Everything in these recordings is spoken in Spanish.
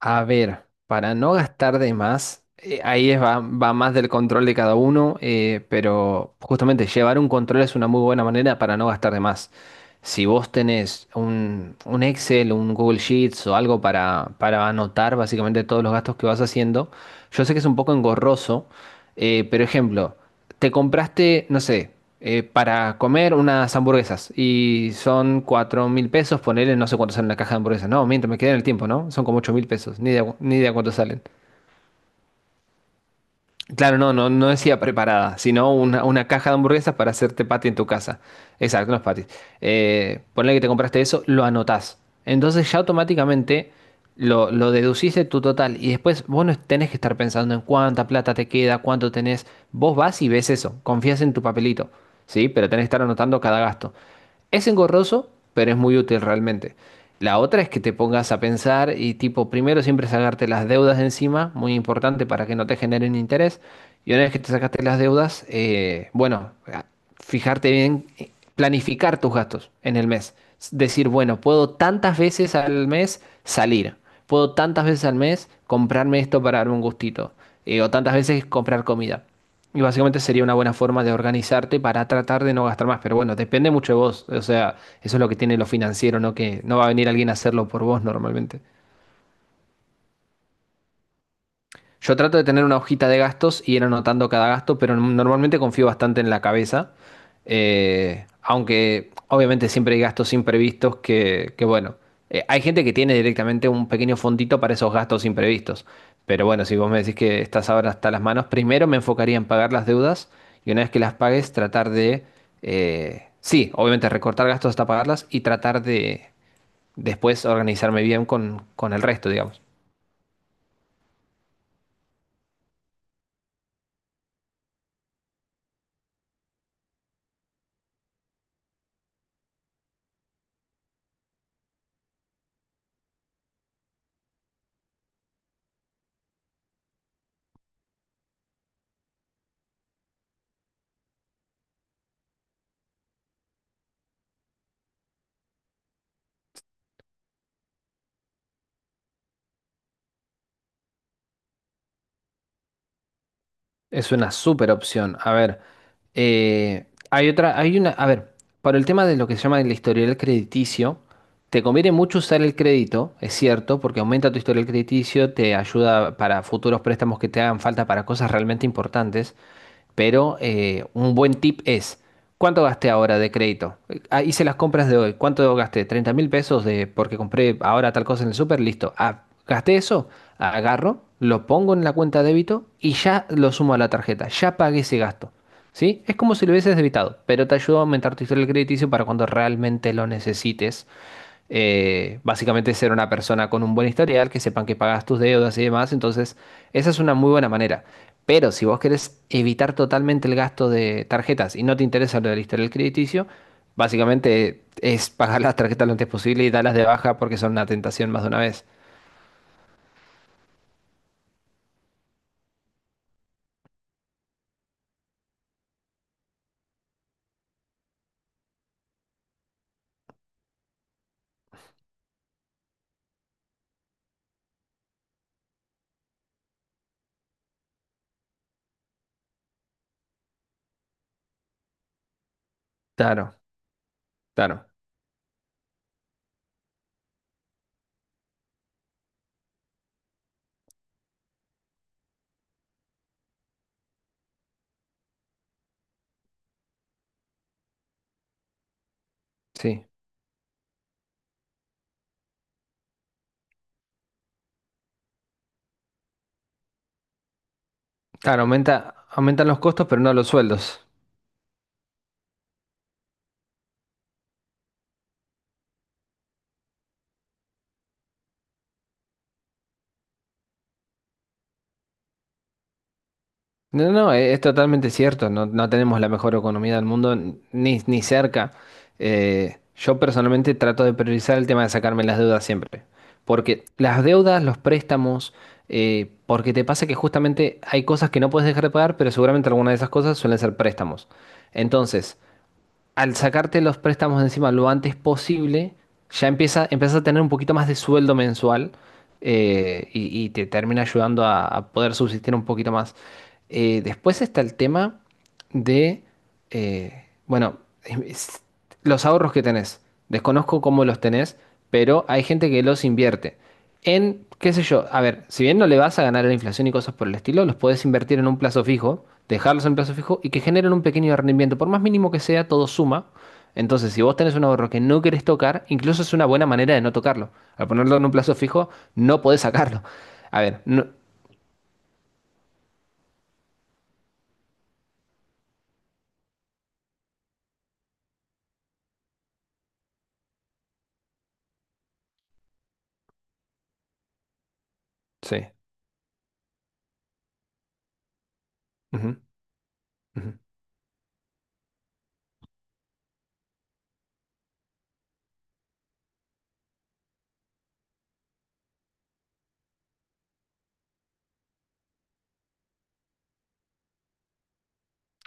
A ver, para no gastar de más, ahí es, va más del control de cada uno, pero justamente llevar un control es una muy buena manera para no gastar de más. Si vos tenés un Excel, un Google Sheets o algo para anotar básicamente todos los gastos que vas haciendo, yo sé que es un poco engorroso, pero ejemplo, te compraste, no sé, para comer unas hamburguesas y son 4 mil pesos, ponele, no sé cuánto sale una caja de hamburguesas. No, mientras me quedé en el tiempo, ¿no? Son como 8 mil pesos, ni idea, ni idea cuánto salen. Claro, no, no, no decía preparada, sino una caja de hamburguesas para hacerte patty en tu casa. Exacto, unos patis. Ponle que te compraste eso, lo anotás. Entonces ya automáticamente lo deducís de tu total y después vos no tenés que estar pensando en cuánta plata te queda, cuánto tenés. Vos vas y ves eso, confías en tu papelito, ¿sí? Pero tenés que estar anotando cada gasto. Es engorroso, pero es muy útil realmente. La otra es que te pongas a pensar y tipo, primero siempre sacarte las deudas de encima, muy importante para que no te generen interés. Y una vez que te sacaste las deudas, bueno, fijarte bien, planificar tus gastos en el mes. Decir, bueno, puedo tantas veces al mes salir, puedo tantas veces al mes comprarme esto para darme un gustito, o tantas veces comprar comida. Y básicamente sería una buena forma de organizarte para tratar de no gastar más. Pero bueno, depende mucho de vos. O sea, eso es lo que tiene lo financiero, ¿no? Que no va a venir alguien a hacerlo por vos normalmente. Yo trato de tener una hojita de gastos y ir anotando cada gasto, pero normalmente confío bastante en la cabeza. Aunque obviamente siempre hay gastos imprevistos que bueno, hay gente que tiene directamente un pequeño fondito para esos gastos imprevistos. Pero bueno, si vos me decís que estás ahora hasta las manos, primero me enfocaría en pagar las deudas y una vez que las pagues, tratar de, sí, obviamente recortar gastos hasta pagarlas y tratar de después organizarme bien con el resto, digamos. Es una súper opción. A ver, hay otra, hay una, a ver, para el tema de lo que se llama el historial crediticio, te conviene mucho usar el crédito, es cierto, porque aumenta tu historial crediticio, te ayuda para futuros préstamos que te hagan falta para cosas realmente importantes. Pero un buen tip es, ¿cuánto gasté ahora de crédito? Ah, hice las compras de hoy. ¿Cuánto gasté? 30 mil pesos de, porque compré ahora tal cosa en el súper, listo. Ah, gasté eso, agarro, lo pongo en la cuenta de débito y ya lo sumo a la tarjeta. Ya pagué ese gasto. ¿Sí? Es como si lo hubieses debitado, pero te ayuda a aumentar tu historial crediticio para cuando realmente lo necesites, básicamente ser una persona con un buen historial, que sepan que pagas tus deudas y demás. Entonces, esa es una muy buena manera. Pero si vos querés evitar totalmente el gasto de tarjetas y no te interesa lo del historial crediticio, básicamente es pagar las tarjetas lo antes posible y darlas de baja porque son una tentación más de una vez. Claro, claro, sí. Claro, aumenta, aumentan los costos, pero no los sueldos. No, no, es totalmente cierto, no, no tenemos la mejor economía del mundo, ni cerca. Yo personalmente trato de priorizar el tema de sacarme las deudas siempre, porque las deudas, los préstamos, porque te pasa que justamente hay cosas que no puedes dejar de pagar, pero seguramente alguna de esas cosas suelen ser préstamos. Entonces, al sacarte los préstamos de encima lo antes posible, ya empieza, empiezas a tener un poquito más de sueldo mensual, y te termina ayudando a poder subsistir un poquito más. Después está el tema de, bueno, es- los ahorros que tenés. Desconozco cómo los tenés, pero hay gente que los invierte en, qué sé yo, a ver, si bien no le vas a ganar a la inflación y cosas por el estilo, los podés invertir en un plazo fijo, dejarlos en plazo fijo y que generen un pequeño rendimiento. Por más mínimo que sea, todo suma. Entonces, si vos tenés un ahorro que no querés tocar, incluso es una buena manera de no tocarlo. Al ponerlo en un plazo fijo, no podés sacarlo. A ver, no, sí. Ujú, ujú.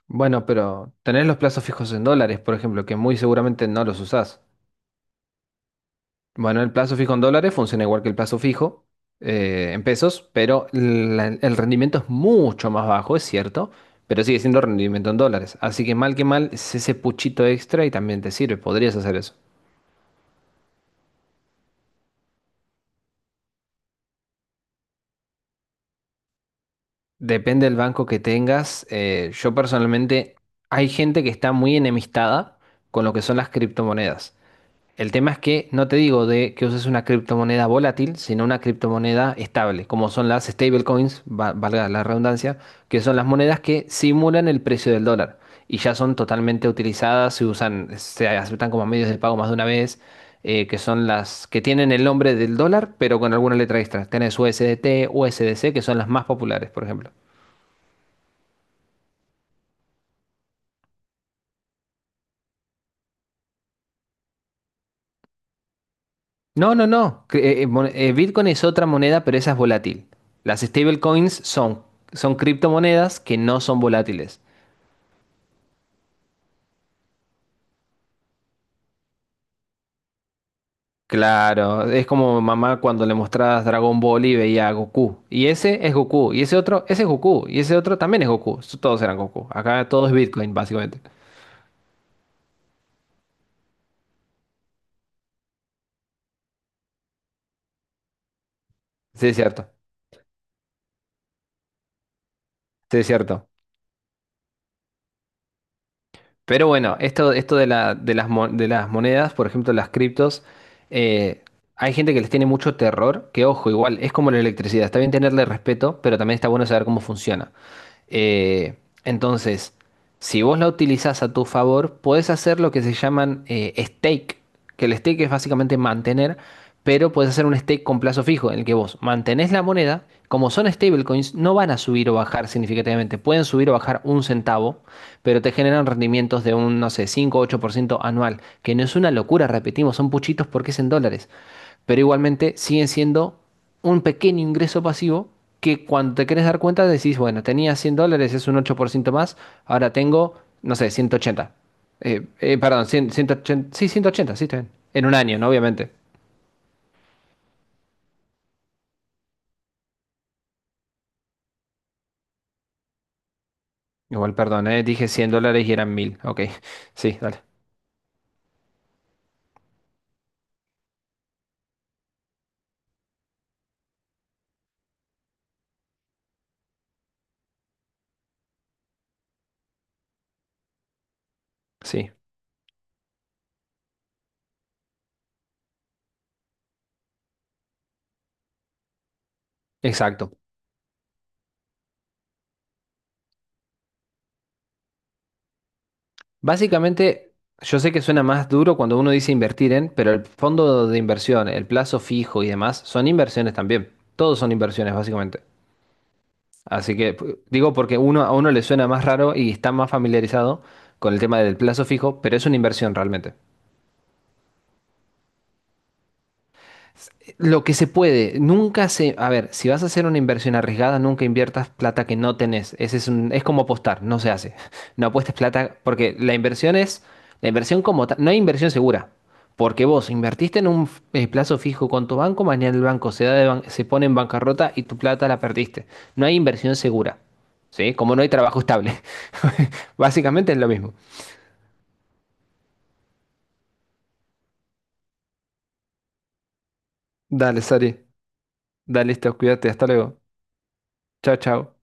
Bueno, pero tenés los plazos fijos en dólares, por ejemplo, que muy seguramente no los usás. Bueno, el plazo fijo en dólares funciona igual que el plazo fijo en pesos, pero el rendimiento es mucho más bajo, es cierto, pero sigue siendo rendimiento en dólares. Así que mal es ese puchito extra y también te sirve, podrías hacer eso. Depende del banco que tengas. Yo personalmente, hay gente que está muy enemistada con lo que son las criptomonedas. El tema es que no te digo de que uses una criptomoneda volátil, sino una criptomoneda estable, como son las stablecoins, valga la redundancia, que son las monedas que simulan el precio del dólar y ya son totalmente utilizadas, se usan, se aceptan como medios de pago más de una vez, que son las que tienen el nombre del dólar, pero con alguna letra extra. Tenés USDT, USDC, que son las más populares, por ejemplo. No, no, no. Que, Bitcoin es otra moneda, pero esa es volátil. Las stablecoins son, criptomonedas que no son volátiles. Claro, es como mamá cuando le mostrabas Dragon Ball y veía a Goku. Y ese es Goku, y ese otro, ese es Goku, y ese otro también es Goku. Todos eran Goku. Acá todo es Bitcoin, básicamente. Sí, es cierto. Sí, es cierto. Pero bueno, esto de la- de las, mo- de las monedas, por ejemplo, las criptos, eh, hay gente que les tiene mucho terror, que ojo, igual, es como la electricidad, está bien tenerle respeto, pero también está bueno saber cómo funciona. Eh, entonces, si vos la utilizás a tu favor, podés hacer lo que se llaman stake, que el stake es básicamente mantener, pero podés hacer un stake con plazo fijo, en el que vos mantenés la moneda, como son stablecoins, no van a subir o bajar significativamente, pueden subir o bajar un centavo, pero te generan rendimientos de un, no sé, 5 o 8% anual, que no es una locura, repetimos, son puchitos porque es en dólares, pero igualmente siguen siendo un pequeño ingreso pasivo que cuando te querés dar cuenta decís, bueno, tenía 100 dólares, es un 8% más, ahora tengo, no sé, 180. Perdón, cien, 180 sí, está bien. En un año, ¿no? Obviamente. Igual, perdón, dije 100 dólares y eran 1000 Ok, sí, dale. Sí, exacto. Básicamente, yo sé que suena más duro cuando uno dice invertir en, pero el fondo de inversión, el plazo fijo y demás son inversiones también. Todos son inversiones, básicamente. Así que digo porque uno a uno le suena más raro y está más familiarizado con el tema del plazo fijo, pero es una inversión realmente. Lo que se puede, nunca se, a ver, si vas a hacer una inversión arriesgada, nunca inviertas plata que no tenés. Ese es un, es como apostar, no se hace. No apuestes plata porque la inversión es, la inversión como tal, no hay inversión segura. Porque vos invertiste en un plazo fijo con tu banco, mañana el banco se pone en bancarrota y tu plata la perdiste. No hay inversión segura, ¿sí? Como no hay trabajo estable. Básicamente es lo mismo. Dale, Sari. Dale, listo, cuídate, hasta luego. Chao, chao.